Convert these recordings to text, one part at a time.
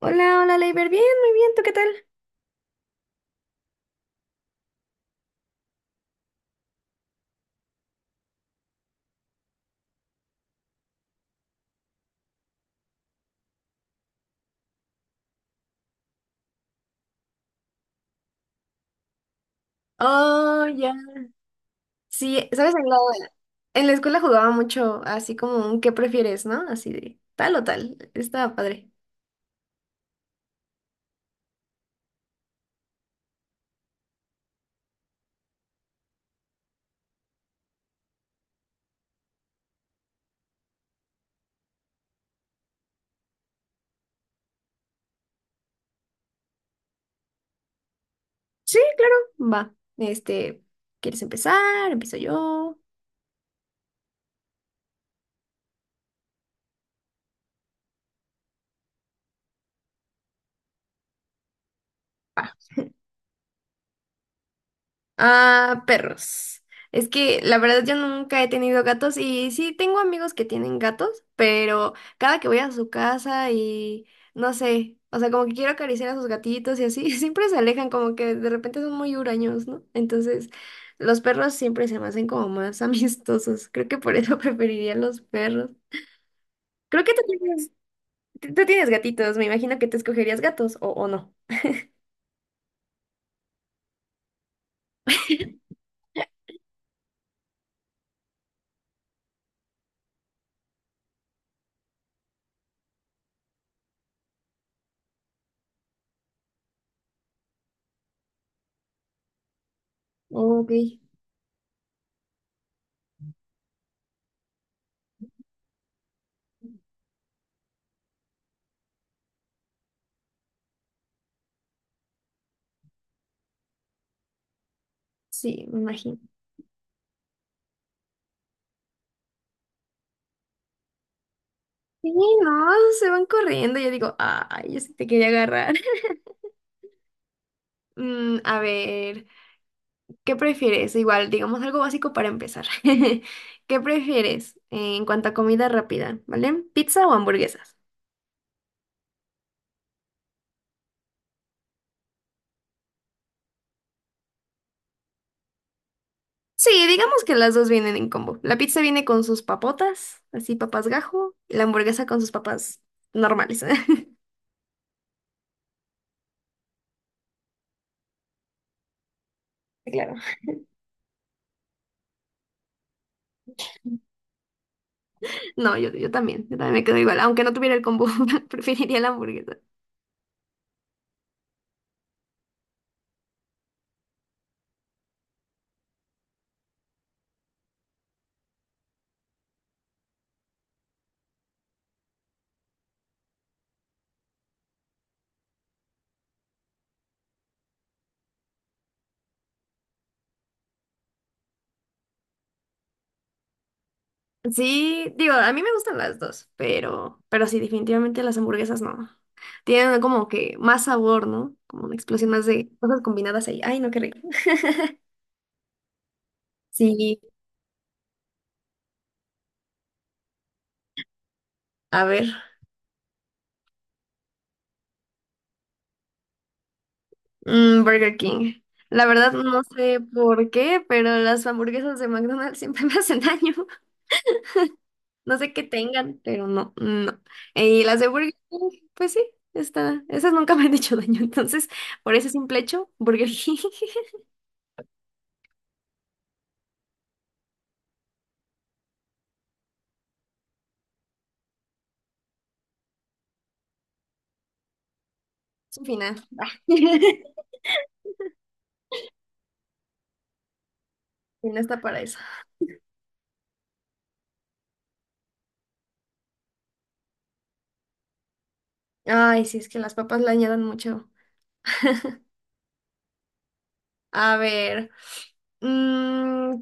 Hola, hola, Leiber. Bien, muy bien. ¿Tú qué tal? Oh, ya. Sí, sabes, en la escuela jugaba mucho así como un ¿qué prefieres, no? Así de tal o tal. Estaba padre. Sí, claro. Va. ¿Quieres empezar? Empiezo yo. Ah, perros. Es que la verdad yo nunca he tenido gatos y sí tengo amigos que tienen gatos, pero cada que voy a su casa y no sé, o sea, como que quiero acariciar a sus gatitos y así, siempre se alejan, como que de repente son muy huraños, ¿no? Entonces, los perros siempre se me hacen como más amistosos. Creo que por eso preferiría los perros. Creo que tú tienes gatitos, me imagino que te escogerías gatos o no. Ok, sí, me imagino. Sí, no, se van corriendo. Yo digo, ay, yo sí te quería agarrar. Mm, a ver, ¿qué prefieres? Igual, digamos algo básico para empezar. ¿Qué prefieres en cuanto a comida rápida? ¿Vale? ¿Pizza o hamburguesas? Sí, digamos que las dos vienen en combo. La pizza viene con sus papotas, así papas gajo, y la hamburguesa con sus papas normales. Claro. No, yo también, yo también me quedo igual. Aunque no tuviera el combo, preferiría la hamburguesa. Sí, digo, a mí me gustan las dos, pero sí, definitivamente las hamburguesas no. Tienen como que más sabor, ¿no? Como una explosión más de cosas combinadas ahí. Ay, no, qué rico. Sí, a ver. Mm, Burger King. La verdad no sé por qué, pero las hamburguesas de McDonald's siempre me hacen daño. No sé qué tengan, pero no, no. Y las de Burger King, pues sí, está. Esas nunca me han hecho daño. Entonces, por ese simple hecho, Burger King es un final. Y no está para eso. Ay, sí, es que las papas le añadan mucho. A ver, mm,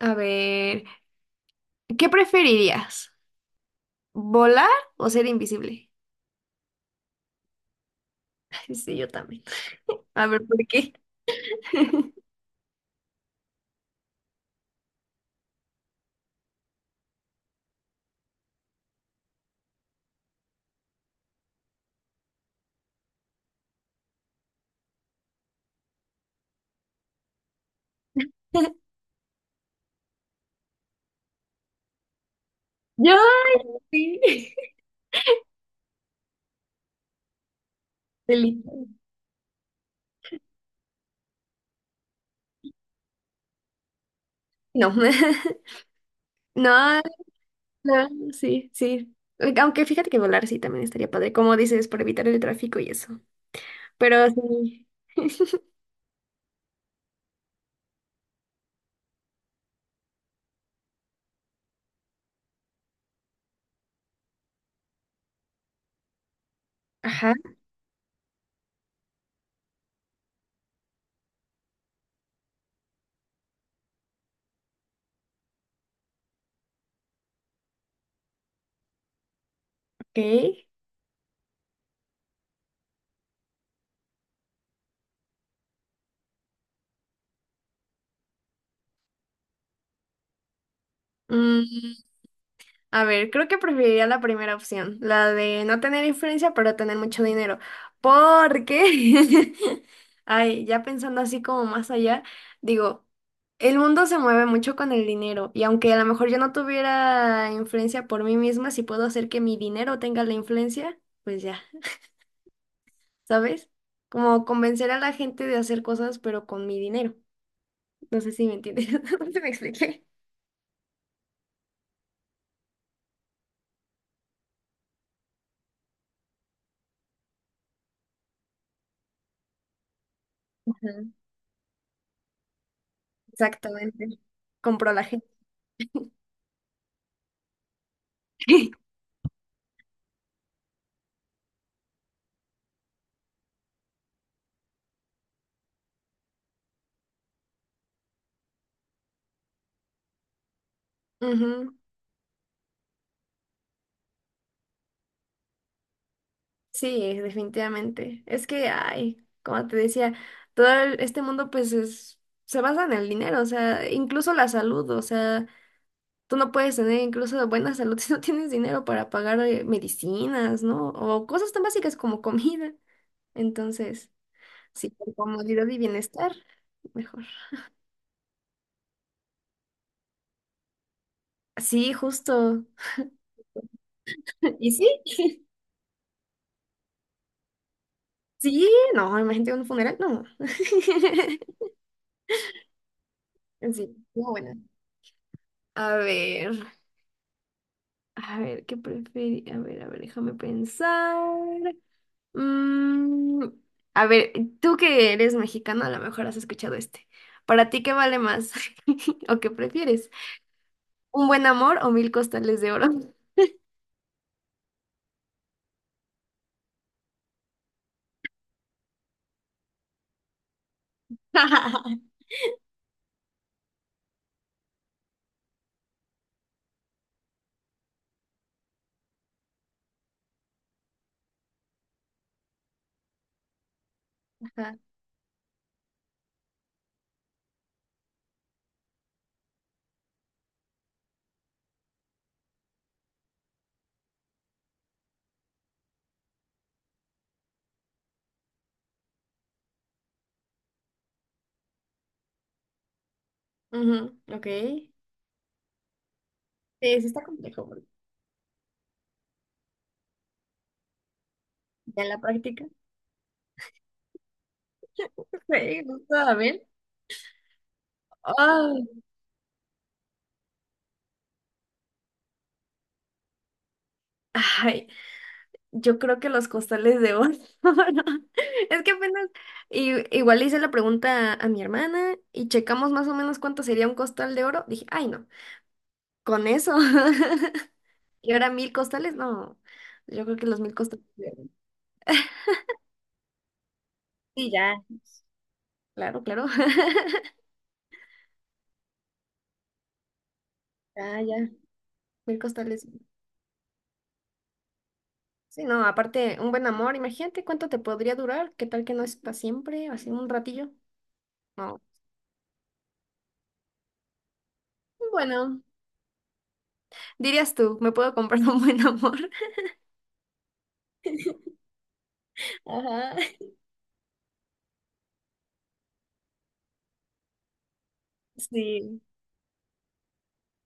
a ver, ¿qué preferirías? ¿Volar o ser invisible? Ay, sí, yo también. A ver, ¿por qué? Yo, sí. Feliz. No, no, no, sí, sí. Aunque fíjate que volar sí también estaría padre, como dices, para evitar el tráfico y eso. Pero sí. Ajá, ok. Mm, a ver, creo que preferiría la primera opción, la de no tener influencia, pero tener mucho dinero. Porque, ay, ya pensando así como más allá, digo, el mundo se mueve mucho con el dinero y aunque a lo mejor yo no tuviera influencia por mí misma, si puedo hacer que mi dinero tenga la influencia, pues ya, ¿sabes? Como convencer a la gente de hacer cosas, pero con mi dinero. No sé si me entiendes. No sé si me expliqué. Ujú. Exactamente. Compró la gente. Ujú. Sí, definitivamente. Es que, ay, como te decía, todo el- este mundo pues es, se basa en el dinero, o sea, incluso la salud, o sea, tú no puedes tener incluso buena salud si no tienes dinero para pagar medicinas, ¿no? O cosas tan básicas como comida. Entonces, sí, por comodidad y bienestar, mejor. Sí, justo. ¿Y sí? Sí, no, imagínate un funeral, no. Sí, muy buena. A ver. A ver, ¿qué prefieres? A ver, déjame pensar. Mm, a ver, tú que eres mexicano, a lo mejor has escuchado este. ¿Para ti qué vale más? ¿O qué prefieres? ¿Un buen amor o 1000 costales de oro? Ajá. Ujú, ok. Sí, sí está complejo porque ya en la práctica. Me gusta, a ver. Ay, ay, yo creo que los costales de oro. Es que apenas y igual le hice la pregunta a mi hermana y checamos más o menos cuánto sería un costal de oro. Dije, ay no, con eso. Y ahora 1000 costales, no. Yo creo que los 1000 costales de oro. Sí, ya, claro, claro. Ya, ya. 1000 costales. Sí, no, aparte, un buen amor, imagínate cuánto te podría durar. ¿Qué tal que no es para siempre? Así un ratillo. No. Bueno, dirías tú, me puedo comprar un buen amor. Ajá. Sí.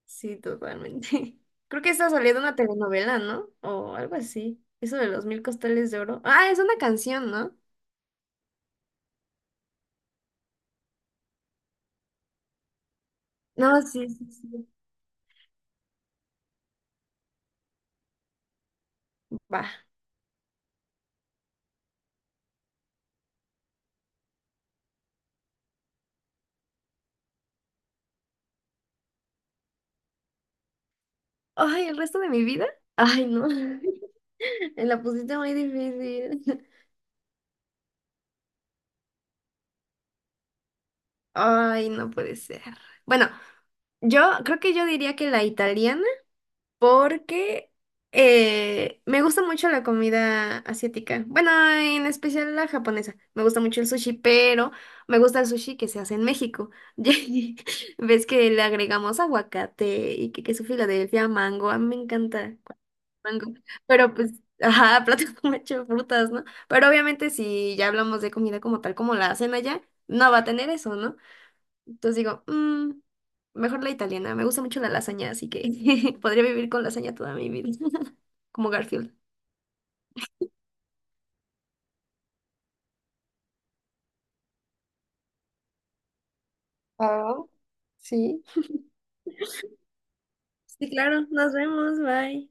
Sí, totalmente. Creo que está saliendo una telenovela, ¿no? O algo así. Eso de los 1000 costales de oro. Ah, es una canción, ¿no? No, sí, sí, sí. Va. Ay, el resto de mi vida. Ay, no. Me la pusiste muy difícil. Ay, no puede ser. Bueno, yo creo que yo diría que la italiana porque me gusta mucho la comida asiática. Bueno, en especial la japonesa. Me gusta mucho el sushi, pero me gusta el sushi que se hace en México. Ya ves que le agregamos aguacate y que queso Filadelfia, mango. A mí me encanta con mango. Pero pues, ajá, plato con mucho frutas, ¿no? Pero obviamente si ya hablamos de comida como tal, como la hacen allá, no va a tener eso, ¿no? Entonces digo, "Mm, mejor la italiana. Me gusta mucho la lasaña, así que podría vivir con lasaña toda mi vida. Como Garfield. Ah, sí. Sí, claro. Nos vemos. Bye.